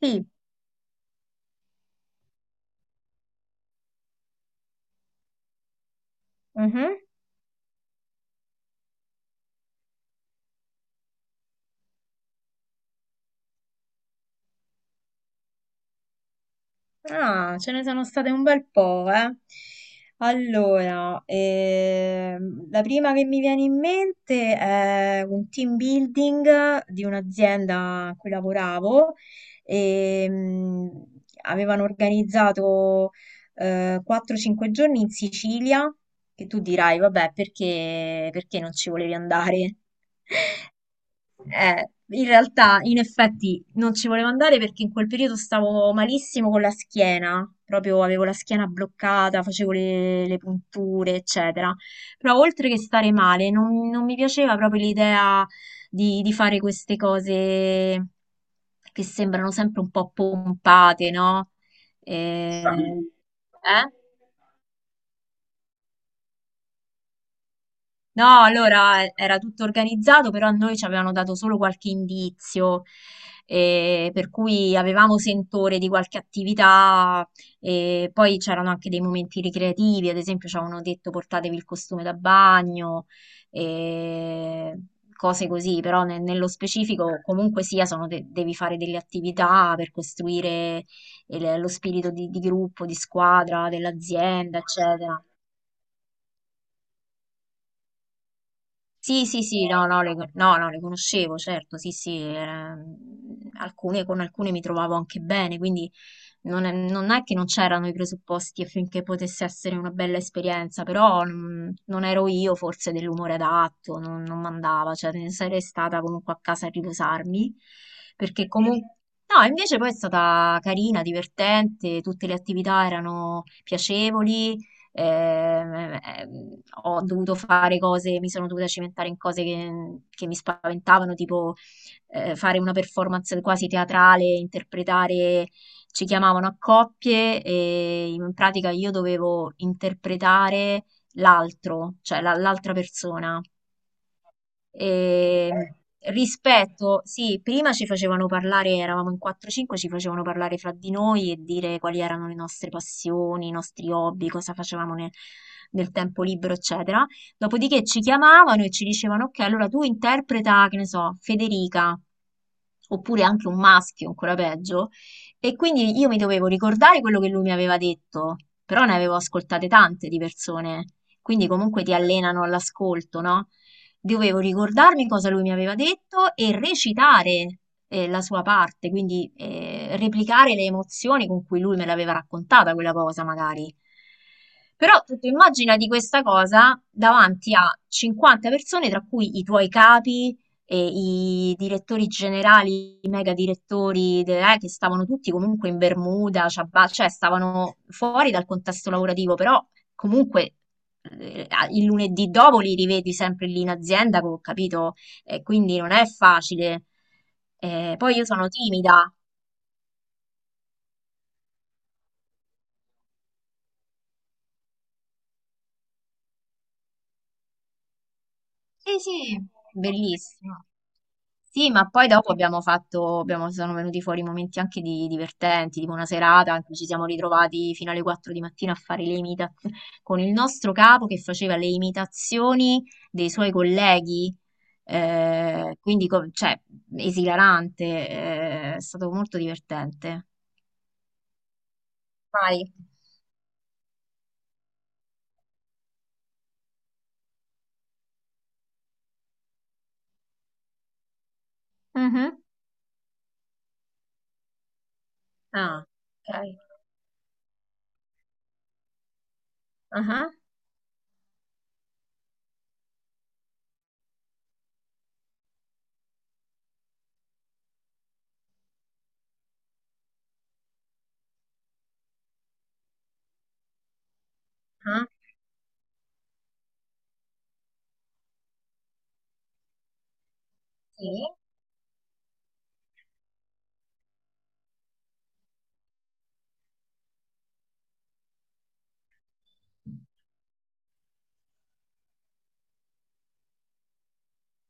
Sì, mhm. Ah, ce ne sono state un bel po', eh. Allora, la prima che mi viene in mente è un team building di un'azienda a cui lavoravo e avevano organizzato 4-5 giorni in Sicilia, che tu dirai, vabbè, perché non ci volevi andare? In realtà, in effetti, non ci volevo andare perché in quel periodo stavo malissimo con la schiena, proprio avevo la schiena bloccata, facevo le punture, eccetera. Però oltre che stare male, non mi piaceva proprio l'idea di fare queste cose che sembrano sempre un po' pompate, no? Sì. Eh? No, allora era tutto organizzato, però a noi ci avevano dato solo qualche indizio, per cui avevamo sentore di qualche attività, e poi c'erano anche dei momenti ricreativi, ad esempio ci avevano detto portatevi il costume da bagno, eh, cose così, però nello specifico comunque sia sono devi fare delle attività per costruire lo spirito di gruppo, di squadra, dell'azienda, eccetera. Sì, sì, sì, no, no, le, no, no, le conoscevo, certo, sì, sì, alcune, con alcune mi trovavo anche bene, quindi non è che non c'erano i presupposti affinché potesse essere una bella esperienza, però non ero io forse dell'umore adatto, non mandava, cioè ne sarei stata comunque a casa a riposarmi, perché comunque... No, invece poi è stata carina, divertente, tutte le attività erano piacevoli, ho dovuto fare cose, mi sono dovuta cimentare in cose che mi spaventavano, tipo fare una performance quasi teatrale, interpretare, ci chiamavano a coppie e in pratica io dovevo interpretare l'altro, cioè l'altra persona. E rispetto, sì, prima ci facevano parlare, eravamo in 4-5, ci facevano parlare fra di noi e dire quali erano le nostre passioni, i nostri hobby, cosa facevamo nel tempo libero, eccetera. Dopodiché ci chiamavano e ci dicevano, ok, allora tu interpreta, che ne so, Federica, oppure anche un maschio, ancora peggio. E quindi io mi dovevo ricordare quello che lui mi aveva detto, però ne avevo ascoltate tante di persone. Quindi comunque ti allenano all'ascolto, no? Dovevo ricordarmi cosa lui mi aveva detto e recitare la sua parte, quindi replicare le emozioni con cui lui me l'aveva raccontata quella cosa, magari. Però tu ti immagina di questa cosa davanti a 50 persone, tra cui i tuoi capi, e i direttori generali, i mega direttori, che stavano tutti comunque in Bermuda, ciabatte, cioè stavano fuori dal contesto lavorativo, però comunque il lunedì dopo li rivedi sempre lì in azienda, capito? E quindi non è facile. Poi io sono timida. Sì, sì, bellissimo. Sì, ma poi dopo abbiamo fatto, sono venuti fuori momenti anche divertenti, tipo una serata in cui ci siamo ritrovati fino alle 4 di mattina a fare le imitazioni con il nostro capo che faceva le imitazioni dei suoi colleghi, quindi cioè, esilarante, è stato molto divertente. Vai. Mhm. Ah, ok. Ah, ah, sì,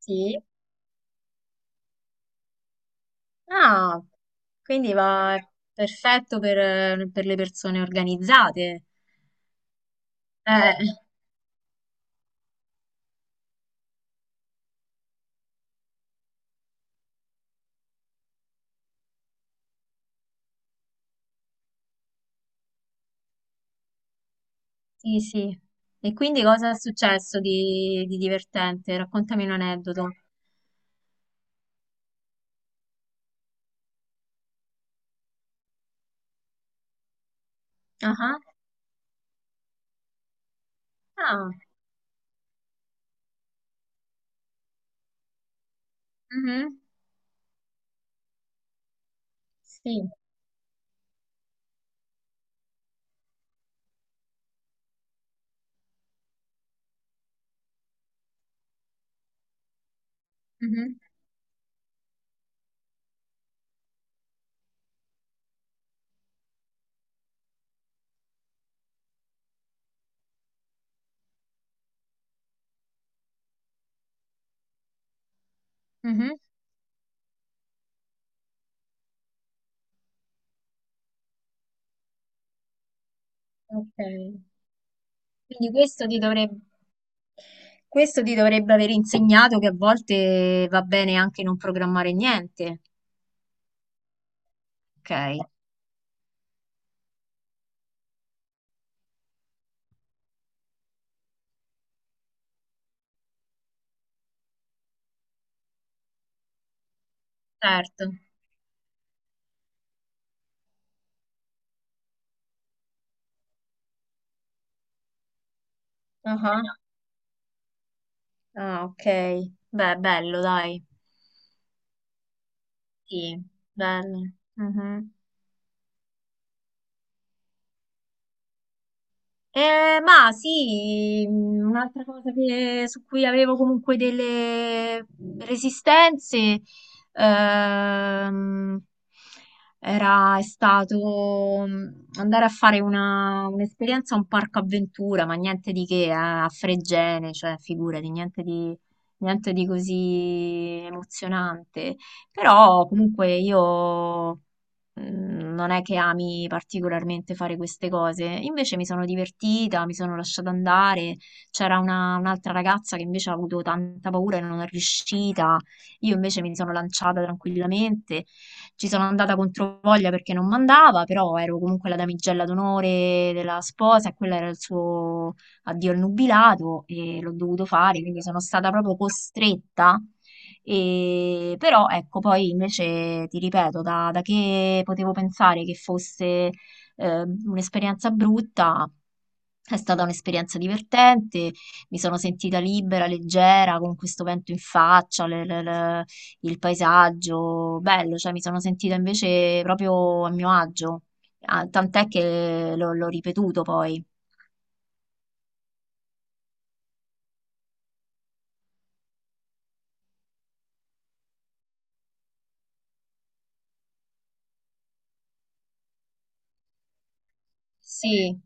sì. Ah, quindi va perfetto per le persone organizzate. Eh, sì, sì. E quindi cosa è successo di divertente? Raccontami un aneddoto. Ah, ah, ah, mhm, sì. Mhm, mhm, ok. Quindi questo ti dovrebbe... Questo ti dovrebbe aver insegnato che a volte va bene anche non programmare niente. Ok, certo. Ah, ah. Ah, ok. Beh, bello, dai. Sì, bello. Mhm. Ma sì, un'altra cosa su cui avevo comunque delle resistenze ehm, era, è stato andare a fare un'esperienza a un parco avventura, ma niente di che, a Fregene, cioè figurati, niente di così emozionante. Però comunque io non è che ami particolarmente fare queste cose. Invece mi sono divertita, mi sono lasciata andare. C'era un'altra ragazza che invece ha avuto tanta paura e non è riuscita. Io invece mi sono lanciata tranquillamente. Ci sono andata contro voglia perché non mandava, però ero comunque la damigella d'onore della sposa e quello era il suo addio al nubilato e l'ho dovuto fare, quindi sono stata proprio costretta e, però ecco, poi invece ti ripeto, da che potevo pensare che fosse un'esperienza brutta, è stata un'esperienza divertente, mi sono sentita libera, leggera, con questo vento in faccia, il paesaggio, bello, cioè mi sono sentita invece proprio a mio agio. Ah, tant'è che l'ho ripetuto poi. Sì.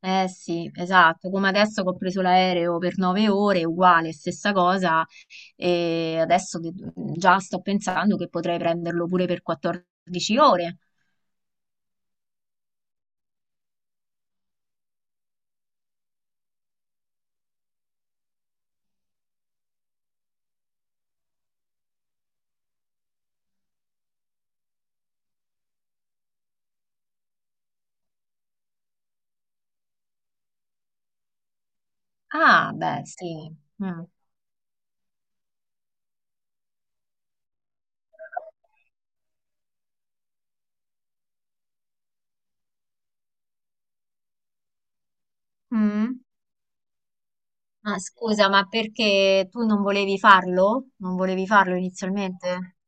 Eh sì, esatto, come adesso che ho preso l'aereo per 9 ore, uguale, stessa cosa, e adesso già sto pensando che potrei prenderlo pure per 14 ore. Ah, beh, sì. Mm. Mm. Ah, scusa, ma perché tu non volevi farlo? Non volevi farlo inizialmente?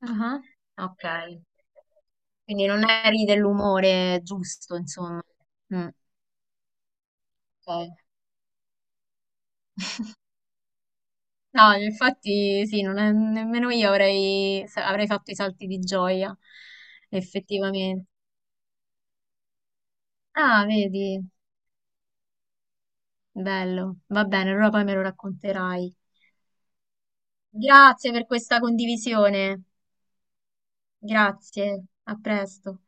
Ah. Ok, quindi non eri dell'umore giusto, insomma. Mm, ok. No, infatti sì, non è- nemmeno io avrei fatto i salti di gioia, effettivamente. Ah, vedi, bello. Va bene, allora poi me lo racconterai. Grazie per questa condivisione. Grazie, a presto.